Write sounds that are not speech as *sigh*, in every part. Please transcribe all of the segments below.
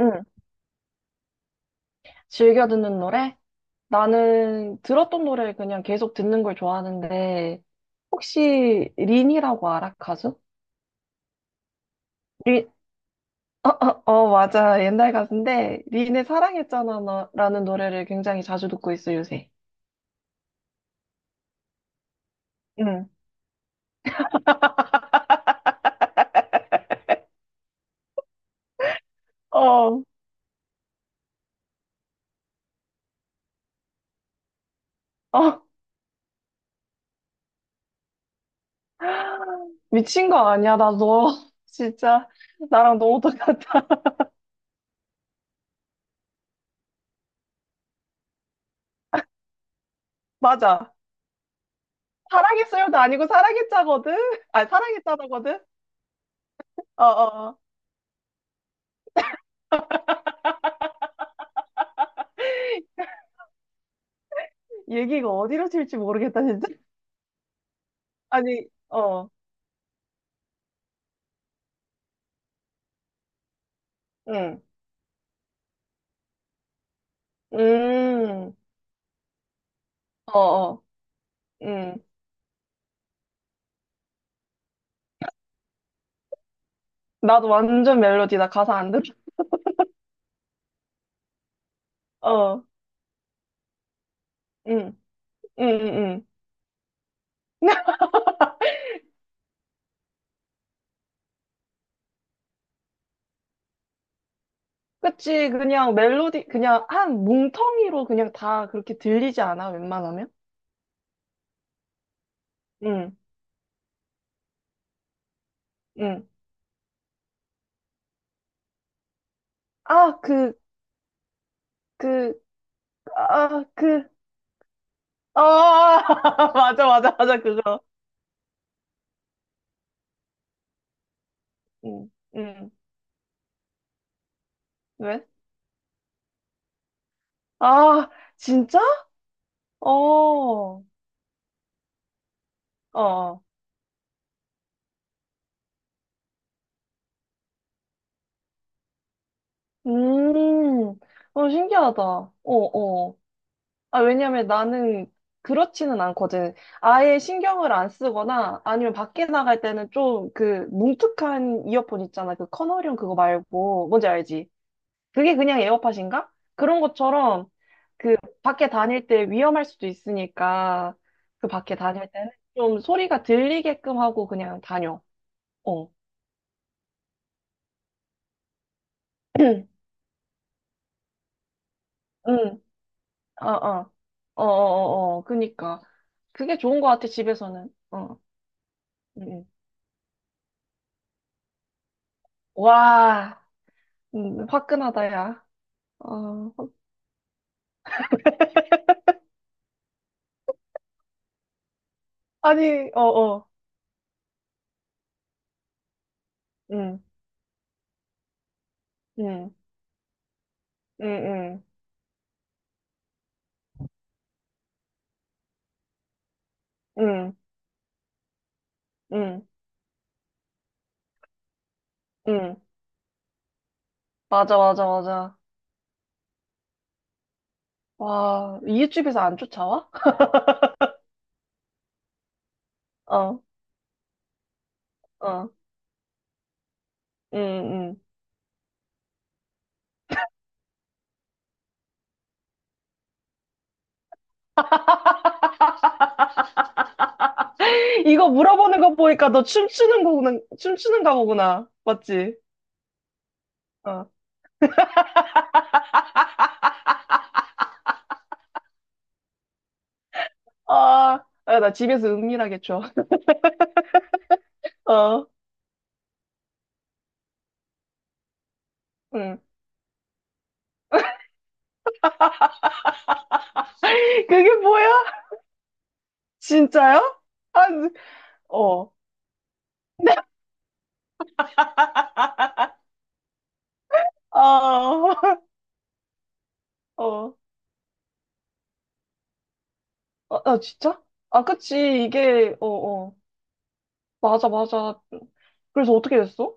응, 즐겨 듣는 노래? 나는 들었던 노래 그냥 계속 듣는 걸 좋아하는데, 혹시 린이라고 알아, 가수? 린, 어, 어, 어, 맞아. 옛날 가수인데, 린의 사랑했잖아, 너, 라는 노래를 굉장히 자주 듣고 있어, 요새. 응. *laughs* 어, 어, 미친 거 아니야, 나 너. *laughs* 진짜, 나랑 너무 똑같아. *laughs* 맞아. 사랑했어요도 아니고 사랑했자거든? 아니, 사랑했잖아거든? 어어. 얘기가 어디로 튈지 모르겠다, 진짜. *laughs* 아니, 어, 응. 음. 어, 어, 음. 나도 완전 멜로디다. 가사 안 들어. 어, 응. 응, 응, 응. *laughs* 그치. 그냥 멜로디, 그냥 한 뭉텅이로 그냥 다 그렇게 들리지 않아? 웬만하면? 응. 응. 아, 그, 그, 아, 그, 아, *laughs* 맞아, 맞아, 맞아, 그거. 응. 응. 왜? 아, 진짜? 어. 어. 음, 어, 신기하다. 어, 어. 아, 왜냐면 나는 그렇지는 않거든. 아예 신경을 안 쓰거나 아니면 밖에 나갈 때는 좀 그 뭉툭한 이어폰 있잖아. 그 커널형 그거 말고. 뭔지 알지? 그게 그냥 에어팟인가? 그런 것처럼 밖에 다닐 때 위험할 수도 있으니까 그 밖에 다닐 때는 좀 소리가 들리게끔 하고 그냥 다녀. 어. *clears throat* 응, 어, 어, 어, 어, 어, 어. 그니까. 그게 좋은 것 같아, 집에서는. 어, 응. 응. 와, 화끈하다, 야. 어, 아니, 어, 어, 응, 응, 응, 응, 응, 응, 응. 맞아, 맞아, 맞아. 와, 이웃집에서 안 쫓아와? *laughs* 어, 어, 응, 응. 이거 물어보는 거 보니까 너 춤추는 거구나, 춤추는가 보구나. 맞지? 어, 아, 아, 나 집에서 은밀하게 춰. *laughs* 어, 응. 그게 뭐야? 진짜요? 아, 어. 네. 아, *laughs* 어. 아, 아, 진짜? 아, 그치. 이게, 어, 어. 맞아, 맞아. 그래서 어떻게 됐어?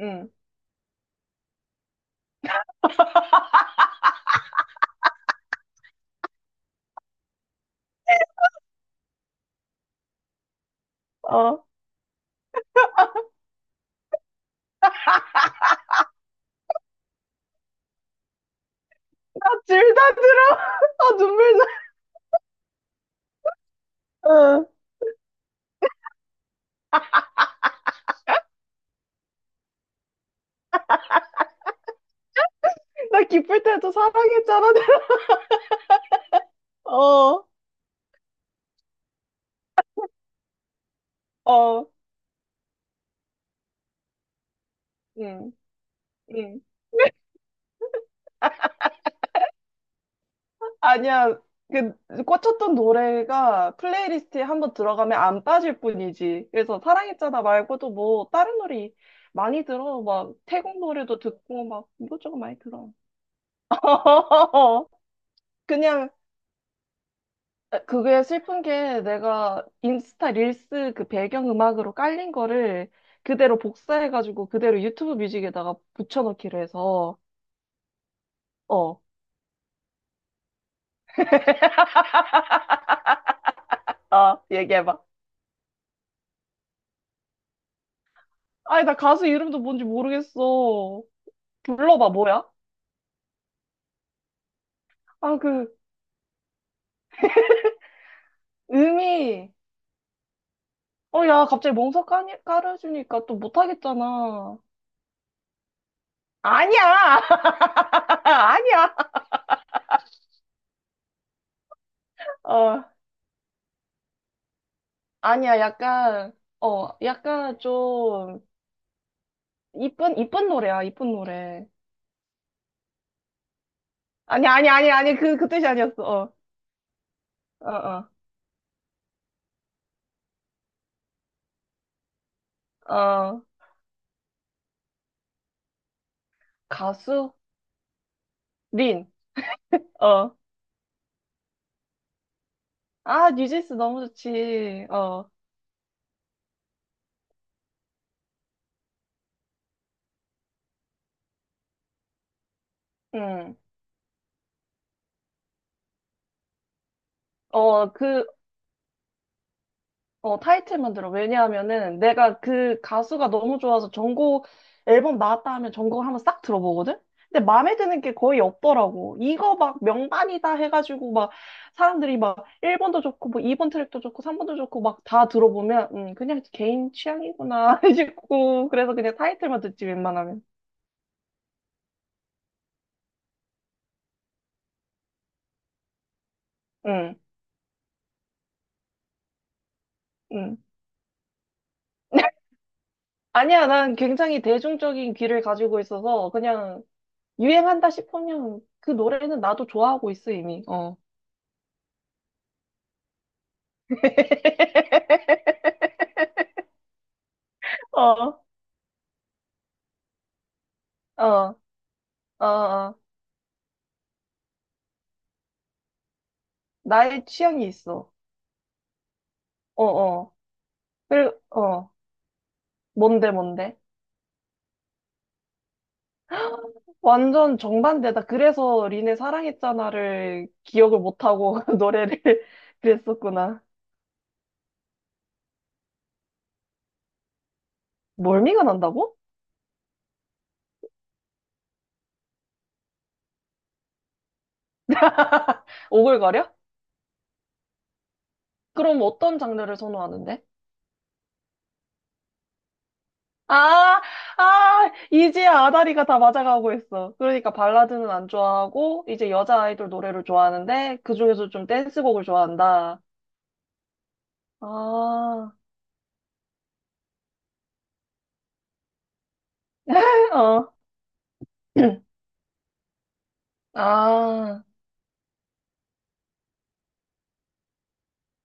응. 아, 나 질다 들어. *laughs* 아, 눈물 나. 응. 나 기쁠 때도 사랑했잖아. *laughs* 어, 어. 응, 응. 아니야. 그 꽂혔던 노래가 플레이리스트에 한번 들어가면 안 빠질 뿐이지. 그래서 사랑했잖아 말고도 뭐 다른 노래 많이 들어. 막 태국 노래도 듣고 막 이것저것 많이 들어. *laughs* 그냥 그게 슬픈 게 내가 인스타 릴스 그 배경음악으로 깔린 거를 그대로 복사해가지고 그대로 유튜브 뮤직에다가 붙여넣기로 해서 어. 아, 얘기해봐. 아니, 나 가수 이름도 뭔지 모르겠어. 불러봐, 뭐야? 아, 그, 음이, 어, 야, 갑자기 멍석 까니, 깔아주니까 또 못하겠잖아. 아니야! *laughs* 아니야! 어, 아니야, 약간, 어, 약간 좀, 이쁜, 이쁜 노래야, 이쁜 노래. 아니, 아니, 아니, 아니, 그, 그 뜻이 아니었어. 어, 어, 어, 어, 가수? 린. 어. 아, 뉴진스 너무 좋지. 어, 응. 어, 그, 어, 타이틀만 들어. 왜냐하면은 내가 그 가수가 너무 좋아서 전곡 앨범 나왔다 하면 전곡을 한번 싹 들어보거든? 근데 마음에 드는 게 거의 없더라고. 이거 막 명반이다 해가지고 막 사람들이 막 1번도 좋고 뭐 2번 트랙도 좋고 3번도 좋고 막 다 들어보면 그냥 개인 취향이구나 *laughs* 싶고 그래서 그냥 타이틀만 듣지 웬만하면. 응, 응. *laughs* 아니야, 난 굉장히 대중적인 귀를 가지고 있어서 그냥 유행한다 싶으면 그 노래는 나도 좋아하고 있어 이미. 어. *laughs* 어. 어, 어, 어. 나의 취향이 있어. 어, 어. 그, 어. 뭔데, 뭔데? 완전 정반대다. 그래서 린의 사랑했잖아를 기억을 못하고 *laughs* 노래를 *laughs* 그랬었구나. 멀미가 난다고? 오글거려? 그럼 어떤 장르를 선호하는데? 아, 아, 이제야 아다리가 다 맞아가고 있어. 그러니까 발라드는 안 좋아하고, 이제 여자 아이돌 노래를 좋아하는데, 그중에서 좀 댄스곡을 좋아한다. 아, *laughs* 어. *clears throat* 아,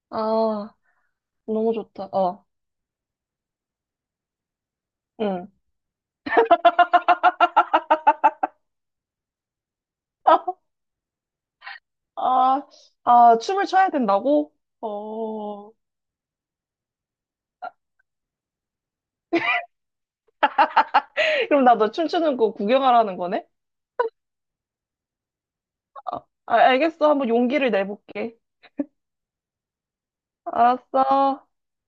아, 너무 좋다. 어, 응. *laughs* 아, 아, 춤을 춰야 된다고? 어. 그럼 나 너 춤추는 거 구경하라는 거네? 아, 아, 알겠어. 한번 용기를 내볼게. 알았어.